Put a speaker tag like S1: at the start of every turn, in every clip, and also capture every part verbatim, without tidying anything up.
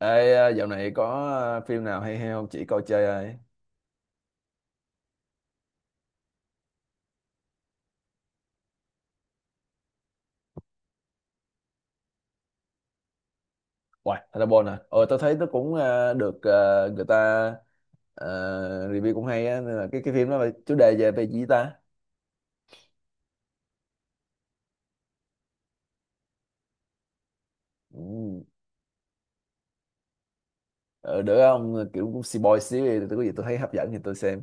S1: Ê, à, Dạo này có à, phim nào hay hay không chỉ coi chơi ai? Hoài, Thunderbolt à? Ờ, tôi thấy nó cũng à, được, à, người ta à, review cũng hay á, nên là cái cái phim đó là chủ đề về về gì ta? Ừ. Ờ, được không? Kiểu cũng boy xíu, thì tôi có gì tôi thấy hấp dẫn thì tôi xem.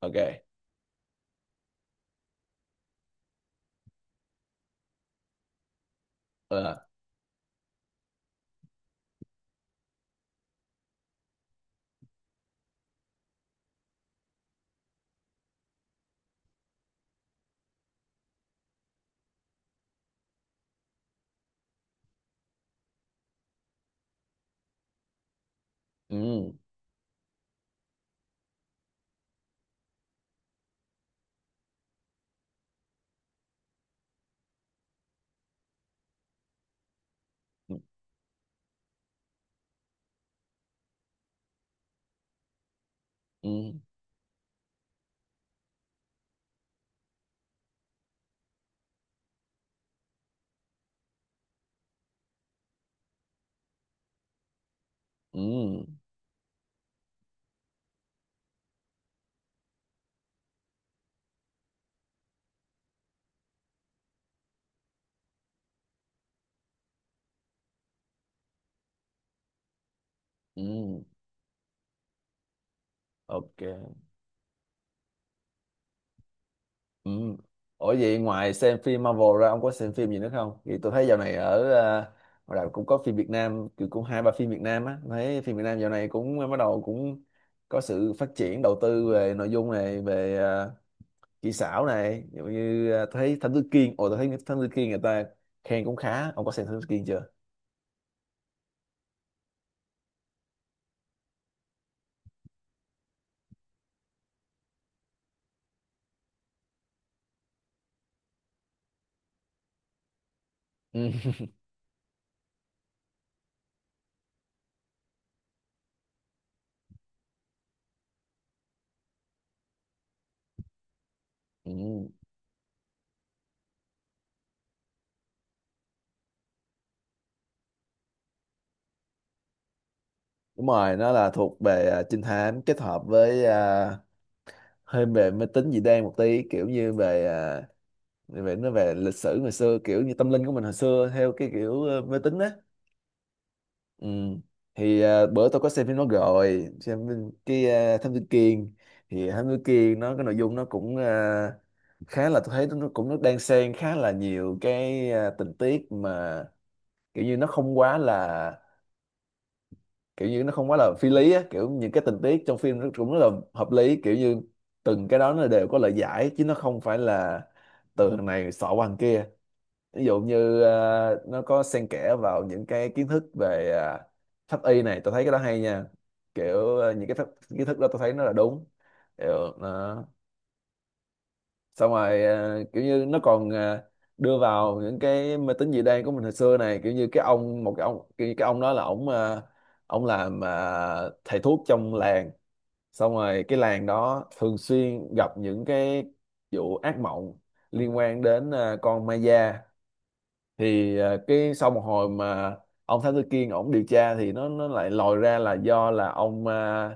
S1: Ok. Ờ. Ừ. Ừ. Ừ. Ừ. Ừ. Ok. Ừ. Ủa vậy ngoài xem phim Marvel ra ông có xem phim gì nữa không? Thì tôi thấy dạo này ở à, ngoài đảo cũng có phim Việt Nam, kiểu cũng hai ba phim Việt Nam á. Tôi thấy phim Việt Nam dạo này cũng bắt đầu cũng có sự phát triển đầu tư về nội dung này, về à, kỹ xảo này, ví dụ như à, tôi thấy Thám Tử Kiên. Ồ, tôi thấy Thám Tử Kiên người ta khen cũng khá, ông có xem Thám Tử Kiên chưa? Ừ. Ừ. Đúng rồi, nó là thuộc về à, trinh thám kết hợp với à, hơi về máy tính dị đoan một tí, kiểu như về ờ, như vậy nó về lịch sử ngày xưa kiểu như tâm linh của mình hồi xưa theo cái kiểu ờ, mê tín á. Ừ. thì ờ, bữa tôi có xem phim nó rồi xem phim- cái ờ, Thám Tử Kiên, thì Thám Tử Kiên nó cái nội dung nó cũng ờ, khá là, tôi thấy nó cũng nó đan xen khá là nhiều cái ờ, tình tiết mà kiểu như nó không quá là kiểu như nó không quá là phi lý á, kiểu những cái tình tiết trong phim nó cũng rất là hợp lý, kiểu như từng cái đó nó đều có lời giải chứ nó không phải là từ thằng này xỏ qua thằng kia. Ví dụ như ờ, nó có xen kẽ vào những cái kiến thức về ờ, pháp y này, tôi thấy cái đó hay nha. Kiểu ờ, những cái pháp, kiến thức đó tôi thấy nó là đúng kiểu, nó xong rồi ờ, kiểu như nó còn ờ, đưa vào những cái mê tín dị đoan của mình hồi xưa này, kiểu như cái ông một cái ông, kiểu như cái ông đó là ổng ờ, ổng làm ờ, thầy thuốc trong làng, xong rồi cái làng đó thường xuyên gặp những cái vụ ác mộng liên quan đến ờ, con ma da. Thì à, cái sau một hồi mà ông Thám Tử Kiên ổng điều tra thì nó nó lại lòi ra là do là ông à,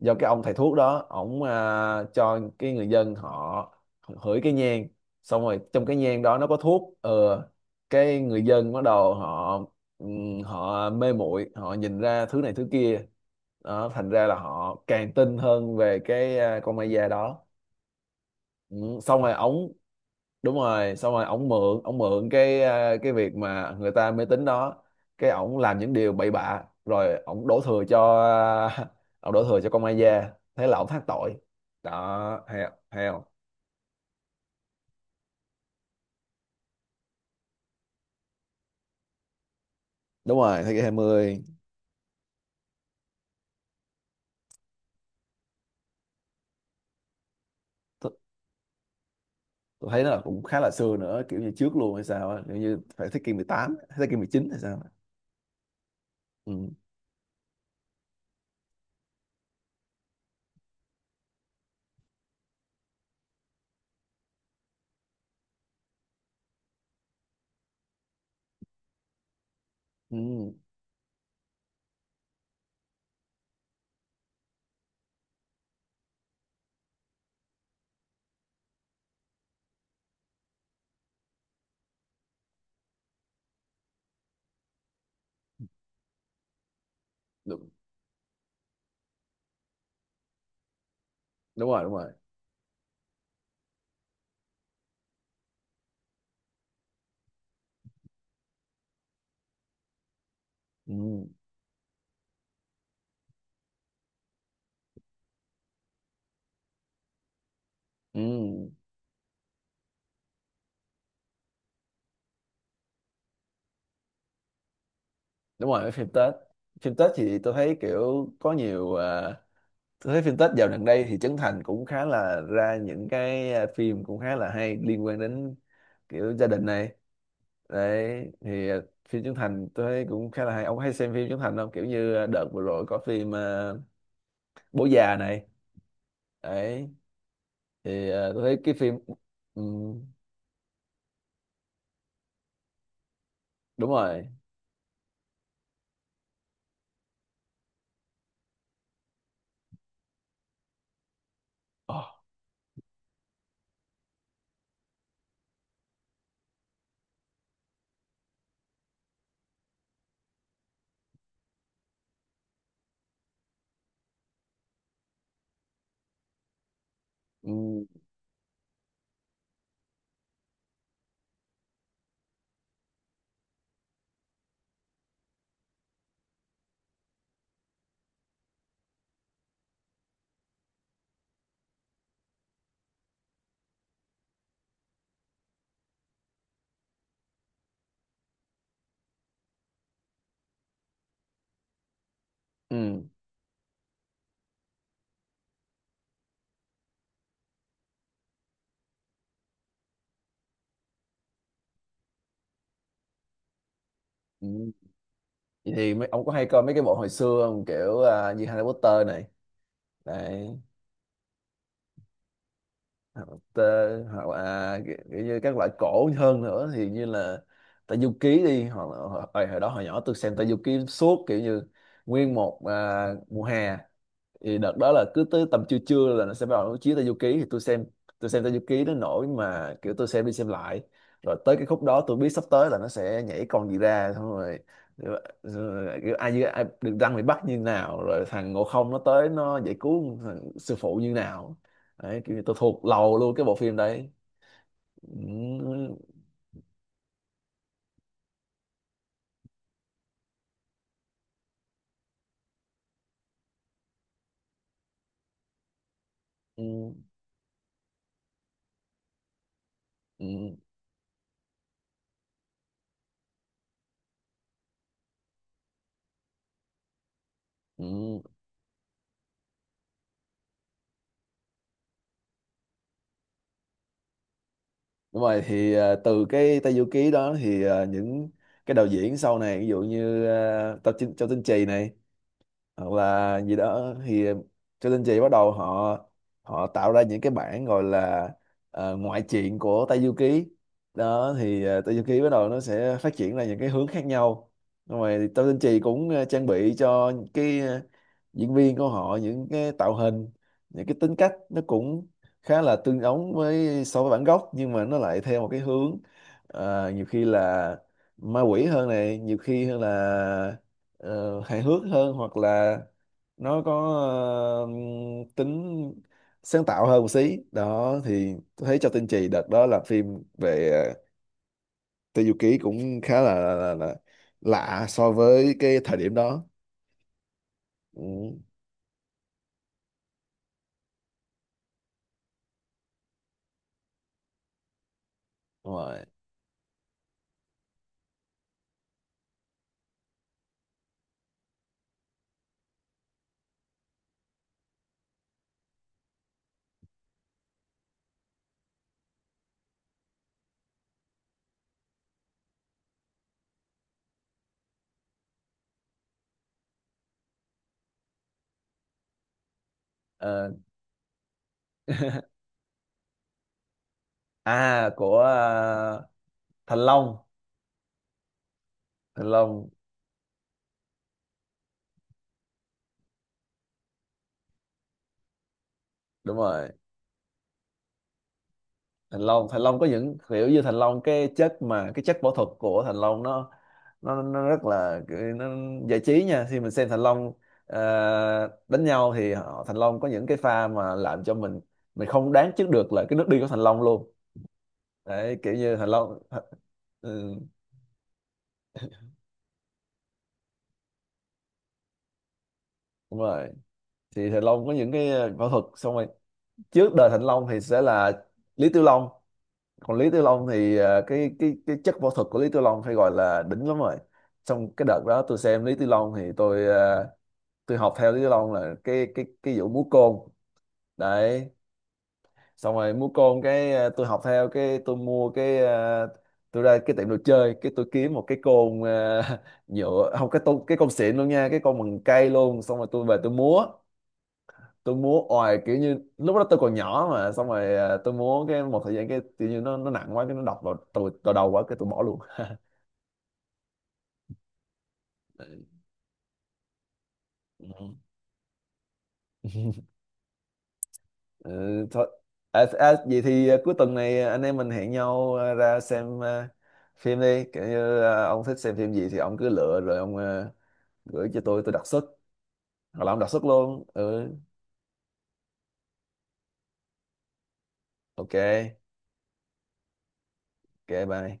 S1: do cái ông thầy thuốc đó ổng à, cho cái người dân họ hửi cái nhang, xong rồi trong cái nhang đó nó có thuốc. ờ cái người dân bắt đầu họ ừm, họ mê muội, họ nhìn ra thứ này thứ kia, đó thành ra là họ càng tin hơn về cái à, con ma da đó. Ừ, xong rồi ổng, đúng rồi xong rồi ổng mượn ổng mượn cái à, cái việc mà người ta mê tín đó, cái ổng làm những điều bậy bạ rồi ổng đổ thừa cho à, ổng đổ thừa cho con ma da, thế là ổng thoát tội. Đó, hay hay không? Đúng rồi, thế kỷ hai mươi. tôi, tôi thấy nó là cũng khá là xưa nữa, kiểu như trước luôn hay sao á, kiểu như phải thế kỷ mười tám, thế kỷ mười chín hay sao á. Ừ. Ừ. Đúng, đúng rồi đúng rồi. Ừ. Ừ. Đúng rồi, cái phim Tết, phim Tết thì tôi thấy kiểu có nhiều à, tôi thấy phim Tết dạo gần đây thì Trấn Thành cũng khá là ra những cái à, phim cũng khá là hay liên quan đến kiểu gia đình này. Đấy thì à, phim Trấn Thành tôi thấy cũng khá là hay. Ông có hay xem phim Trấn Thành không? Kiểu như à, đợt vừa rồi có phim à, Bố già này. Đấy thì à, tôi thấy cái phim, ừ, đúng rồi. Ồ, ừ, ừ, ừ. Vậy thì mấy, ông có hay coi mấy cái bộ hồi xưa không? Kiểu à, như Harry Potter này. Đấy, hoặc là tê, hoặc là kiểu kiểu như các loại cổ hơn nữa thì như là Tây Du Ký đi. Hoặc là hồi, hồi hồi đó hồi nhỏ tôi xem Tây Du Ký suốt, kiểu như nguyên một à, mùa hè. Thì đợt đó là cứ tới tầm trưa trưa là nó sẽ bắt đầu nó chiếu Tây Du Ký thì tôi xem tôi xem Tây Du Ký nó nổi mà, kiểu tôi xem đi xem lại, rồi tới cái khúc đó tôi biết sắp tới là nó sẽ nhảy con gì ra xong rồi, rồi, rồi kiểu ai, như- ai được răng bị bắt như nào, rồi thằng Ngộ Không nó tới nó giải cứu thằng sư phụ như nào. Đấy, kiểu như tôi thuộc lầu luôn cái bộ phim đấy. Ừ, ừ, ừ, ừ. Ừ. Đúng rồi, thì ờ, từ cái Tây Du Ký đó thì ờ, những cái đạo diễn sau này, ví dụ như uh, Châu Tinh Châu Tinh Trì này hoặc là gì đó, thì cho nên chị bắt đầu họ họ tạo ra những cái bản gọi là ờ, ngoại truyện của Tây Du Ký. Đó thì ờ, Tây Du Ký bắt đầu nó sẽ phát triển ra những cái hướng khác nhau, xong rồi Tô Tinh Trì cũng ờ, trang bị cho cái ờ, diễn viên của họ những cái tạo hình, những cái tính cách nó cũng khá là tương ứng với so với bản gốc, nhưng mà nó lại theo một cái hướng ờ, nhiều khi là ma quỷ hơn này, nhiều khi hơn là ờ, hài hước hơn, hoặc là nó có ờ, tính sáng tạo hơn một xí. Đó thì tôi thấy cho Tinh Trì đợt đó là phim về ờ, Tây Du Ký cũng khá là, là, là, là lạ so với cái thời điểm đó. Ừ. Đúng rồi. Ờ, à của ờ, Thành Long. Thành Long đúng rồi, Thành Long Thành Long có những kiểu như Thành Long, cái chất mà cái chất võ thuật của Thành Long nó, nó nó rất là cái- nó giải trí nha khi mình xem Thành Long. Ờ, đánh nhau thì họ, Thành Long có những cái pha mà làm cho mình mình không đoán trước được là cái nước đi của Thành Long luôn. Đấy kiểu như Thành Long, ừ, đúng rồi, thì Thành Long có những cái ờ, võ thuật. Xong rồi trước đời Thành Long thì sẽ là Lý Tiểu Long. Còn Lý Tiểu Long thì ờ, cái cái cái chất võ thuật của Lý Tiểu Long phải gọi là đỉnh lắm rồi. Xong cái đợt đó tôi xem Lý Tiểu Long thì tôi ờ, tôi học theo Lý Tiểu Long là cái cái cái vụ múa côn. Đấy xong rồi múa côn cái ờ, tôi học theo cái tôi mua cái ờ, tôi ra cái tiệm đồ chơi cái tôi kiếm một cái côn ờ, nhựa không cái tô, cái côn xịn luôn nha, cái côn bằng cây luôn. Xong rồi tôi về tôi múa tôi múa oài, kiểu như lúc đó tôi còn nhỏ mà, xong rồi à, tôi múa cái một thời gian cái kiểu như nó nó nặng quá, cái nó đập vào tôi vào đầu quá, cái tôi bỏ luôn. Ừ. Ừ, thôi à, à, vậy thì à, cuối tuần này anh em mình hẹn nhau à, ra xem à, phim đi, kiểu như à, ông thích xem phim gì thì ông cứ lựa rồi ông à, gửi cho tôi tôi đặt suất, hoặc là ông đặt suất luôn. Ừ, ok, ok bye.